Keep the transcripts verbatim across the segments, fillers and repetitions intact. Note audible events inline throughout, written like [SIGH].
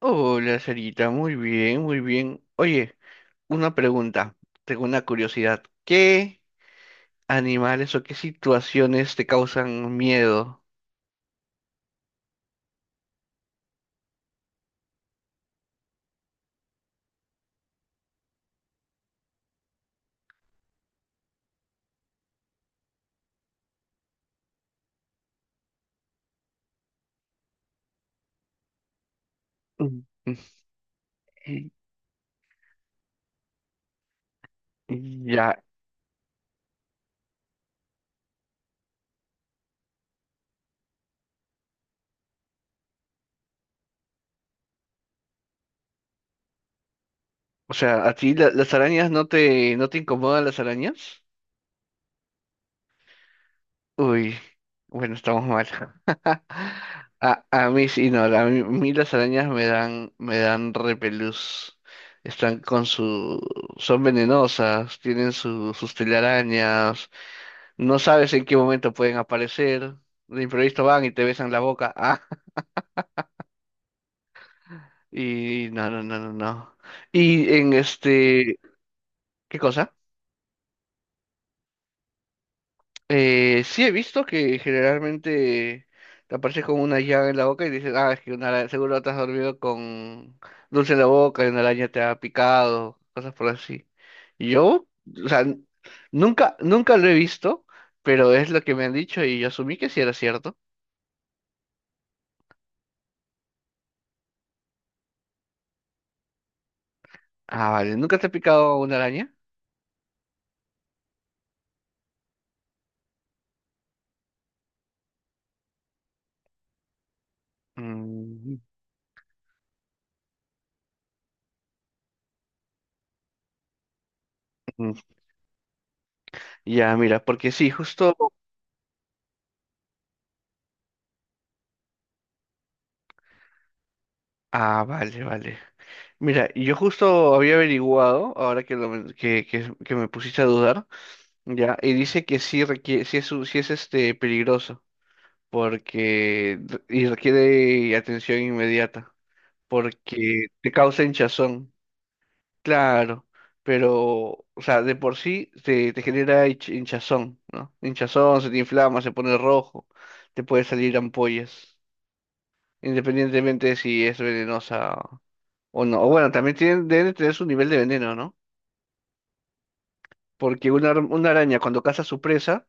Hola, Sarita, muy bien, muy bien. Oye, una pregunta, tengo una curiosidad. ¿Qué animales o qué situaciones te causan miedo? Mm. Mm. Ya, o sea, ¿a ti la- las arañas no te, no te incomodan las arañas? Uy, bueno, estamos mal. [LAUGHS] A, a mí sí, no, a mí, a mí las arañas me dan, me dan repelús. Están con su, son venenosas, tienen su- sus telarañas. No sabes en qué momento pueden aparecer. De imprevisto van y te besan la boca. [LAUGHS] Ah, y no, no, no, no, no. Y en este, ¿qué cosa? Eh, sí he visto que generalmente te apareces con una llaga en la boca y dices, ah, es que una ara- seguro te has dormido con dulce en la boca y una araña te ha picado, cosas por así. Y Yo, o sea, n- nunca, nunca lo he visto, pero es lo que me han dicho y yo asumí que sí era cierto. Ah, vale, ¿nunca te ha picado una araña? Mm. Mm. Ya, mira, porque sí, justo. Ah, vale, vale. Mira, yo justo había averiguado, ahora que, lo men- que, que, que me pusiste a dudar, ya, y dice que sí requiere, sí es, un- sí es este peligroso, porque re- y requiere atención inmediata, porque te causa hinchazón, claro, pero, o sea, de por sí te, te genera hinch- hinchazón, ¿no? Hinchazón, se te inflama, se pone rojo, te puede salir ampollas, independientemente de si es venenosa o no. O bueno, también tienen, deben de tener su nivel de veneno, ¿no? Porque una, ar- una araña cuando caza a su presa,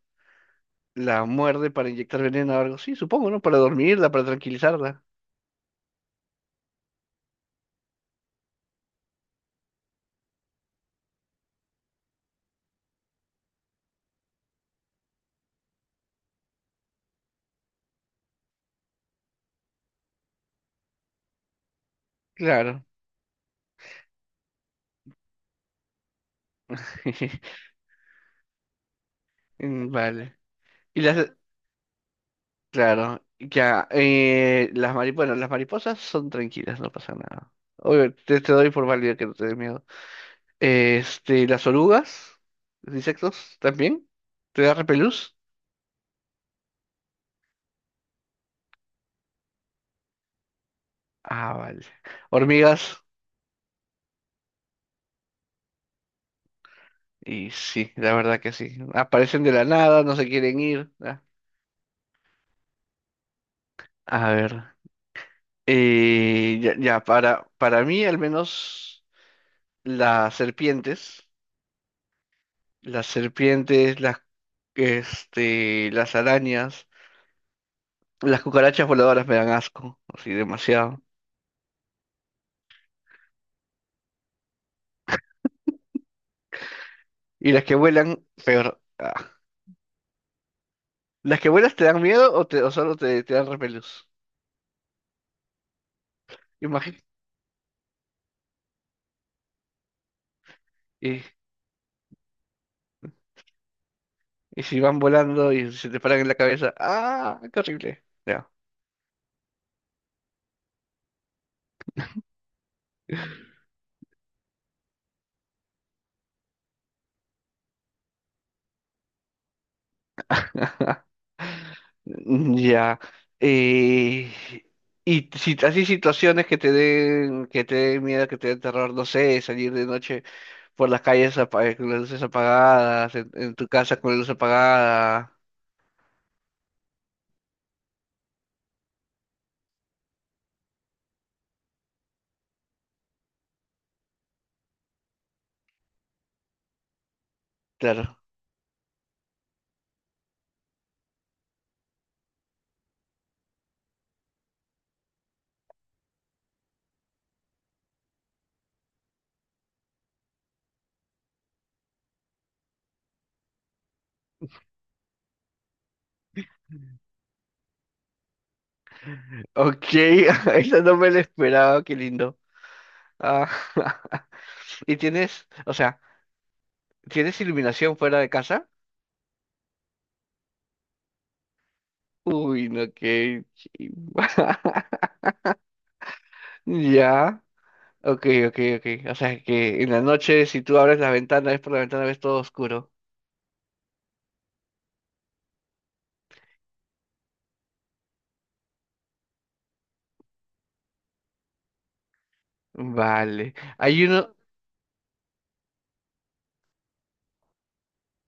la muerde para inyectar veneno o algo así, supongo, ¿no? Para dormirla, para tranquilizarla. Claro. [LAUGHS] Mm. Vale. Y las... Claro, ya. Eh, las mari- bueno, las mariposas son tranquilas, no pasa nada. Oye, te, te doy por válido que no te dé miedo. Este, las orugas, los insectos, ¿también? ¿Te da repelús? Ah, vale. Hormigas. Y sí, la verdad que sí. Aparecen de la nada, no se quieren ir. Ah. A ver. eh, ya, ya, para, para mí al menos las serpientes, las serpientes, las, este, las arañas, las cucarachas voladoras me dan asco, así demasiado. Y las que vuelan, peor. Ah. ¿Las que vuelas te dan miedo o, te, o solo te, te dan repelús? Imagínate. Y, y si van volando y se te paran en la cabeza, ¡ah! ¡Qué horrible! Ya. [LAUGHS] Ya. eh, y si así situaciones que te den, que te den miedo, que te den terror, no sé, salir de noche por las calles apa- eh, con las luces apagadas, en, en tu casa con la luz apagada. Claro. Ok. [LAUGHS] Eso no me lo esperaba, qué lindo. Ah. [LAUGHS] ¿Y tienes, o sea, tienes iluminación fuera de casa? Uy, no, qué... chimba. [LAUGHS] Ya. Ok, ok, ok. O sea que en la noche, si tú abres la ventana, ves por la ventana, ves todo oscuro. Vale. Hay uno.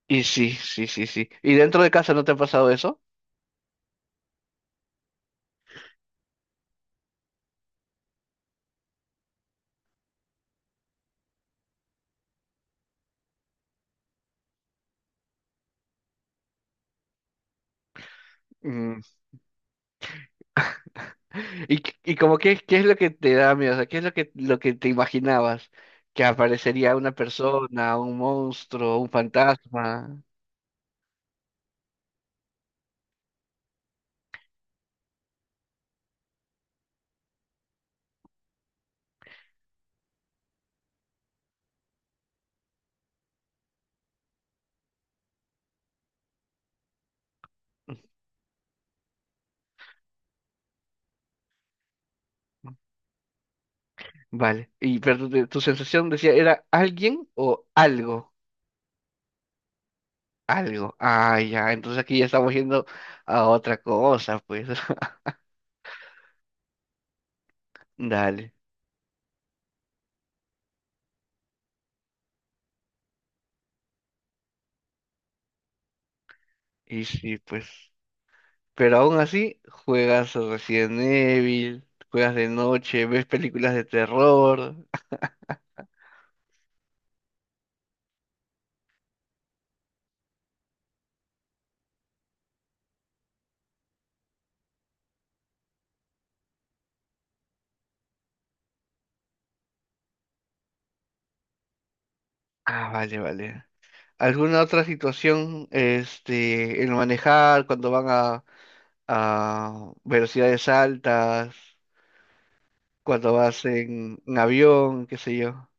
Y sí, sí, sí, sí. ¿Y dentro de casa no te ha pasado eso? Mm. ¿Y, qué- y como qué, ¿qué es lo que te da miedo? O sea, ¿qué es lo que, lo que te imaginabas? Que aparecería una persona, un monstruo, un fantasma. Vale. Y pero tu, tu sensación decía, ¿era alguien o algo? Algo. Ah, ya. Entonces aquí ya estamos yendo a otra cosa, pues. [LAUGHS] Dale. Y sí, pues. Pero aún así, juegas Resident Evil, juegas de noche, ves películas de terror. Ah, vale, vale. ¿Alguna otra situación, este, el manejar, cuando van a, a velocidades altas, cuando vas en, en avión, qué sé yo?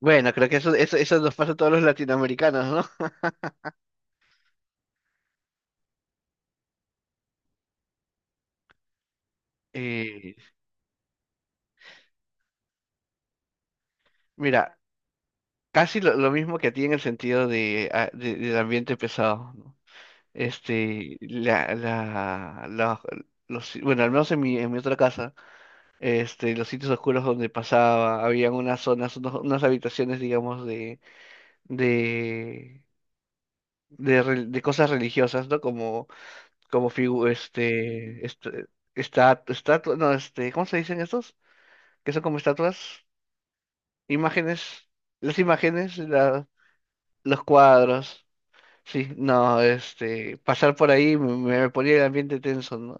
Bueno, creo que eso, eso, eso nos pasa a todos los latinoamericanos, ¿no? [LAUGHS] Eh, mira, casi lo, lo mismo que a ti en el sentido de, a- de- del ambiente pesado, ¿no? Este, la, la, la- los, bueno, al menos en mi, en mi otra casa, este, los sitios oscuros donde pasaba, habían unas zonas, unos- unas habitaciones, digamos, de, de, de, re- de cosas religiosas, ¿no? Como, como figu- este, este, esta- estatu- no, este, ¿cómo se dicen estos? Que son como estatuas, imágenes, las imágenes, la- los cuadros. Sí, no, este, pasar por ahí me, me ponía el ambiente tenso, ¿no?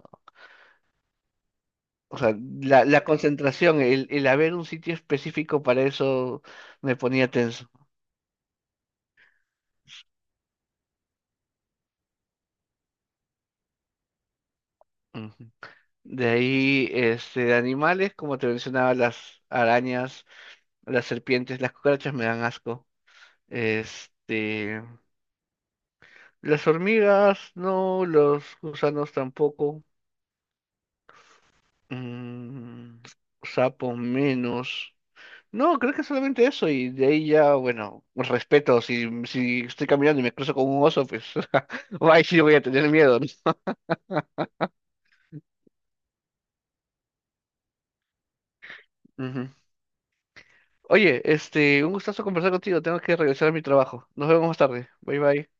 O sea, la, la concentración, el, el haber un sitio específico para eso me ponía tenso. Ujú. De ahí, este, de animales, como te mencionaba, las arañas, las serpientes, las cucarachas me dan asco. Este, las hormigas, no, los gusanos tampoco. Mm, sapos menos. No, creo que solamente eso y de ahí ya, bueno, respeto, si, si estoy caminando y me cruzo con un oso, pues, [LAUGHS] ay, sí voy a tener miedo, ¿no? Ujú. Oye, este, un gustazo conversar contigo. Tengo que regresar a mi trabajo. Nos vemos más tarde. Bye bye.